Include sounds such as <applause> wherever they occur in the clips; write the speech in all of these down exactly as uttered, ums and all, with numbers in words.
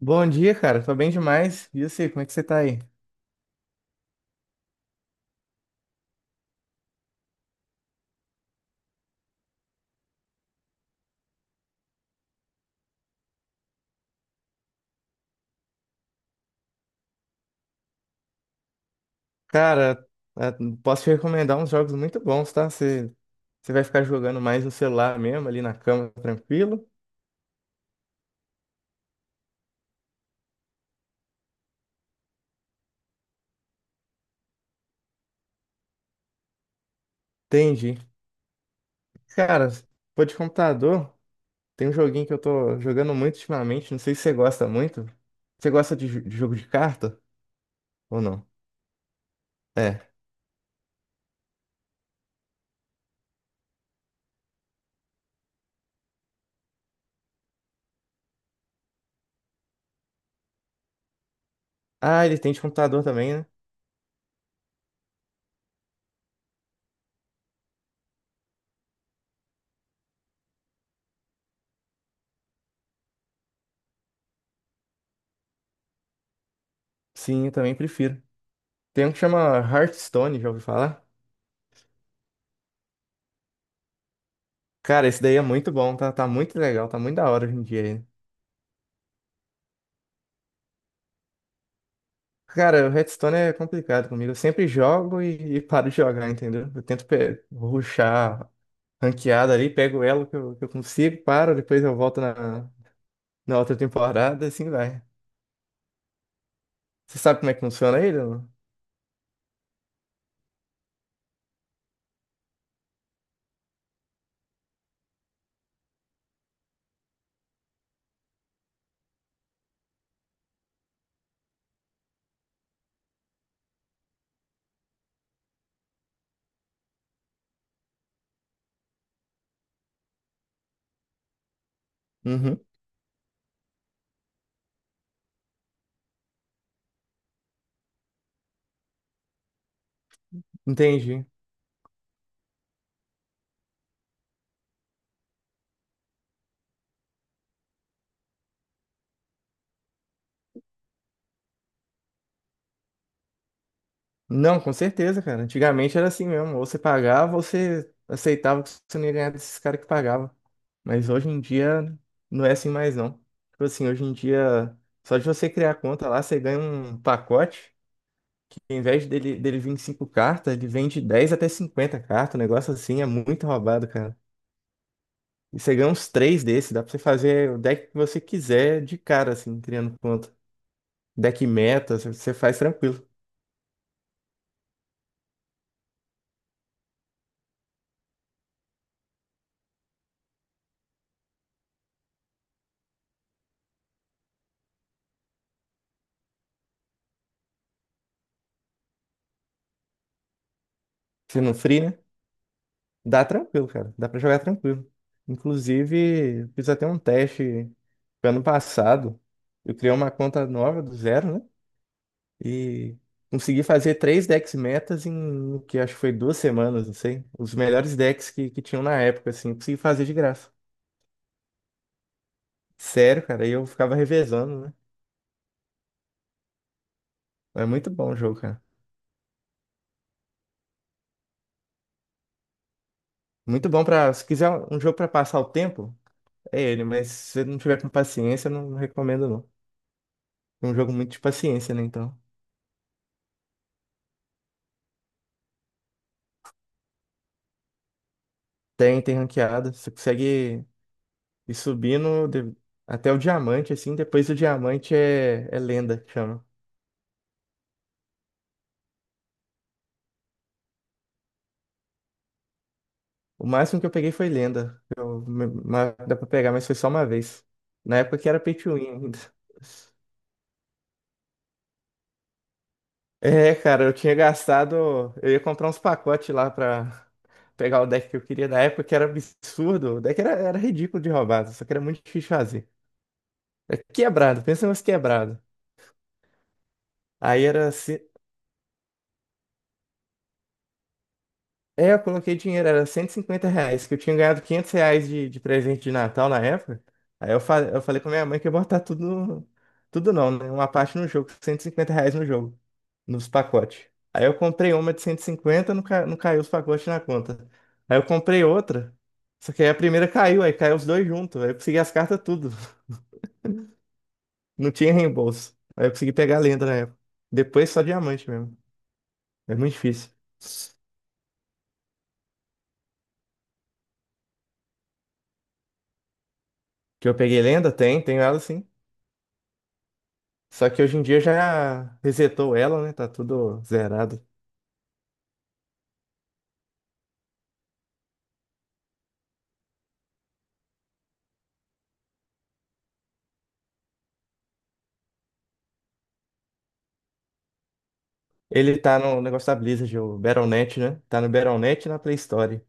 Bom dia, cara. Tô bem demais. E você, como é que você tá aí? Cara, eh, posso te recomendar uns jogos muito bons, tá? Você, você vai ficar jogando mais no celular mesmo, ali na cama, tranquilo? Entendi. Cara, pô, de computador, tem um joguinho que eu tô jogando muito ultimamente. Não sei se você gosta muito. Você gosta de, jo- de jogo de carta ou não? É. Ah, ele tem de computador também, né? Sim, eu também prefiro. Tem um que chama Hearthstone, já ouviu falar? Cara, esse daí é muito bom, tá? Tá muito legal, tá muito da hora hoje em dia. Cara, o Hearthstone é complicado comigo. Eu sempre jogo e, e paro de jogar, entendeu? Eu tento pe- rushar ranqueada ali, pego o elo que eu, que eu consigo, paro, depois eu volto na, na outra temporada, assim vai. Você sabe como é que funciona ele? Não? Uhum, entendi. Não, com certeza, cara. Antigamente era assim mesmo. Ou você pagava, ou você aceitava que você não ia ganhar desses caras que pagavam. Mas hoje em dia não é assim mais, não. Tipo assim, hoje em dia, só de você criar conta lá, você ganha um pacote. Em vez dele, dele vir em cinco cartas, ele vende dez até cinquenta cartas. O negócio assim é muito roubado, cara. E você ganha uns três desses, dá pra você fazer o deck que você quiser de cara, assim, criando conta. Deck meta, você você faz tranquilo. Se não free, né? Dá tranquilo, cara. Dá pra jogar tranquilo. Inclusive, fiz até um teste ano passado. Eu criei uma conta nova do zero, né? E consegui fazer três decks metas em que acho que foi duas semanas, não sei. Os melhores decks que, que tinham na época, assim, consegui fazer de graça. Sério, cara, e eu ficava revezando, né? É muito bom o jogo, cara. Muito bom pra. Se quiser um jogo pra passar o tempo, é ele, mas se você não tiver com paciência, eu não recomendo, não. É um jogo muito de paciência, né? Então. Tem, tem ranqueada. Você consegue ir subindo de- até o diamante, assim, depois o diamante é, é lenda, que chama. O máximo que eu peguei foi lenda. Eu, ma- dá pra pegar, mas foi só uma vez. Na época que era pay to win ainda. É, cara, eu tinha gastado. Eu ia comprar uns pacotes lá pra pegar o deck que eu queria na época, que era absurdo. O deck era, era ridículo de roubado, só que era muito difícil de fazer. É quebrado, pensa em umas quebrado. Aí era. É, eu coloquei dinheiro, era cento e cinquenta reais, que eu tinha ganhado quinhentos reais de, de presente de Natal na época. Aí eu, fa eu falei com minha mãe que ia botar tudo, no- tudo não, né? Uma parte no jogo, cento e cinquenta reais no jogo, nos pacotes. Aí eu comprei uma de cento e cinquenta, não, ca não caiu os pacotes na conta. Aí eu comprei outra, só que aí a primeira caiu, aí caiu os dois juntos, aí eu consegui as cartas tudo, <laughs> não tinha reembolso. Aí eu consegui pegar a lenda na época. Depois só diamante mesmo, é muito difícil. Que eu peguei lenda? Tem, tenho ela sim. Só que hoje em dia já resetou ela, né? Tá tudo zerado. Ele tá no negócio da Blizzard, o battle ponto net, né? Tá no battle ponto net e na Play Store.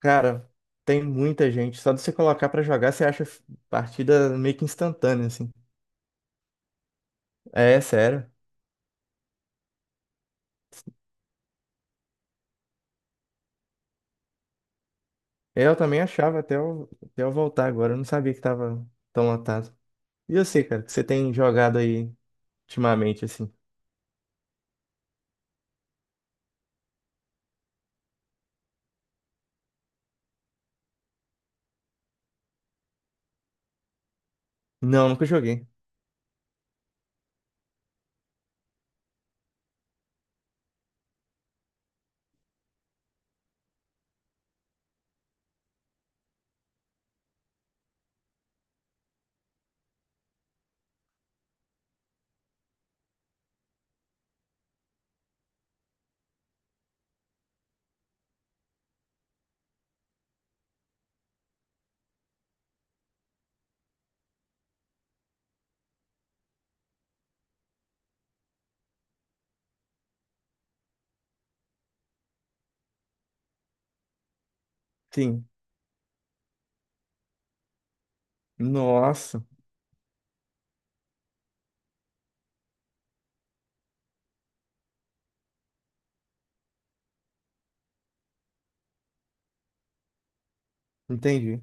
Cara, tem muita gente. Só de você colocar pra jogar, você acha partida meio que instantânea, assim. É, sério. Eu também achava até eu, até eu voltar agora. Eu não sabia que tava tão lotado. E eu sei, cara, que você tem jogado aí ultimamente, assim. Não, nunca joguei. Sim. Nossa, entendi.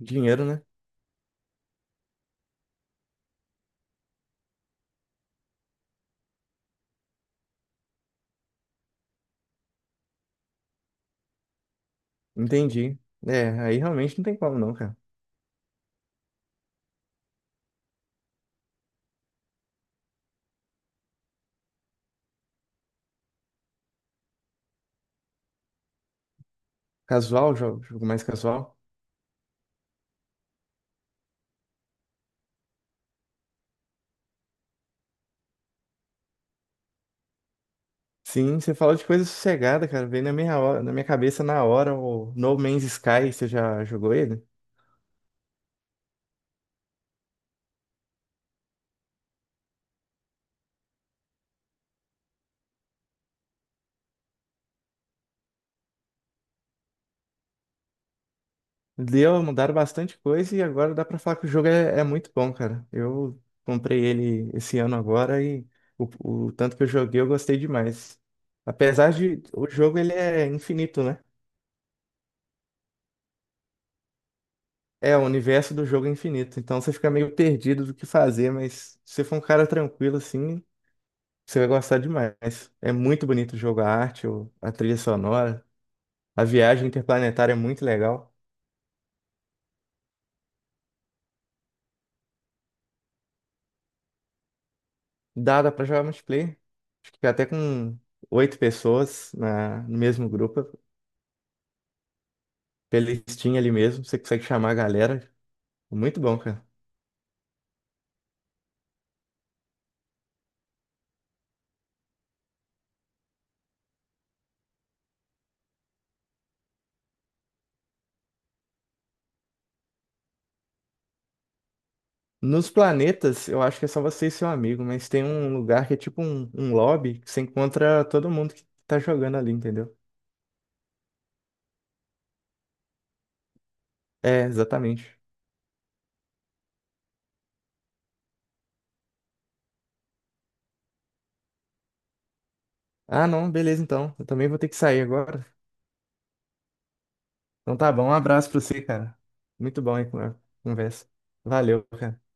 Dinheiro, né? Entendi. É, aí realmente não tem como não, cara. Casual, jogo, jogo mais casual. Sim, você falou de coisa sossegada, cara. Veio na minha, hora- na minha cabeça na hora o No Man's Sky, você já jogou ele? Deu, mudaram bastante coisa e agora dá pra falar que o jogo é, é muito bom, cara. Eu comprei ele esse ano agora e o, o tanto que eu joguei eu gostei demais. Apesar de o jogo ele é infinito, né? É, o universo do jogo é infinito, então você fica meio perdido do que fazer, mas se você for um cara tranquilo assim, você vai gostar demais. É muito bonito o jogo, a arte, o- a trilha sonora. A viagem interplanetária é muito legal. Dá, dá pra jogar multiplayer. Acho que até com oito pessoas na, no mesmo grupo. Pela Steam ali mesmo. Você consegue chamar a galera. É muito bom, cara. Nos planetas, eu acho que é só você e seu amigo, mas tem um lugar que é tipo um, um lobby que você encontra todo mundo que tá jogando ali, entendeu? É, exatamente. Ah, não, beleza então. Eu também vou ter que sair agora. Então tá bom, um abraço pra você, cara. Muito bom aí a conversa. Valeu, cara.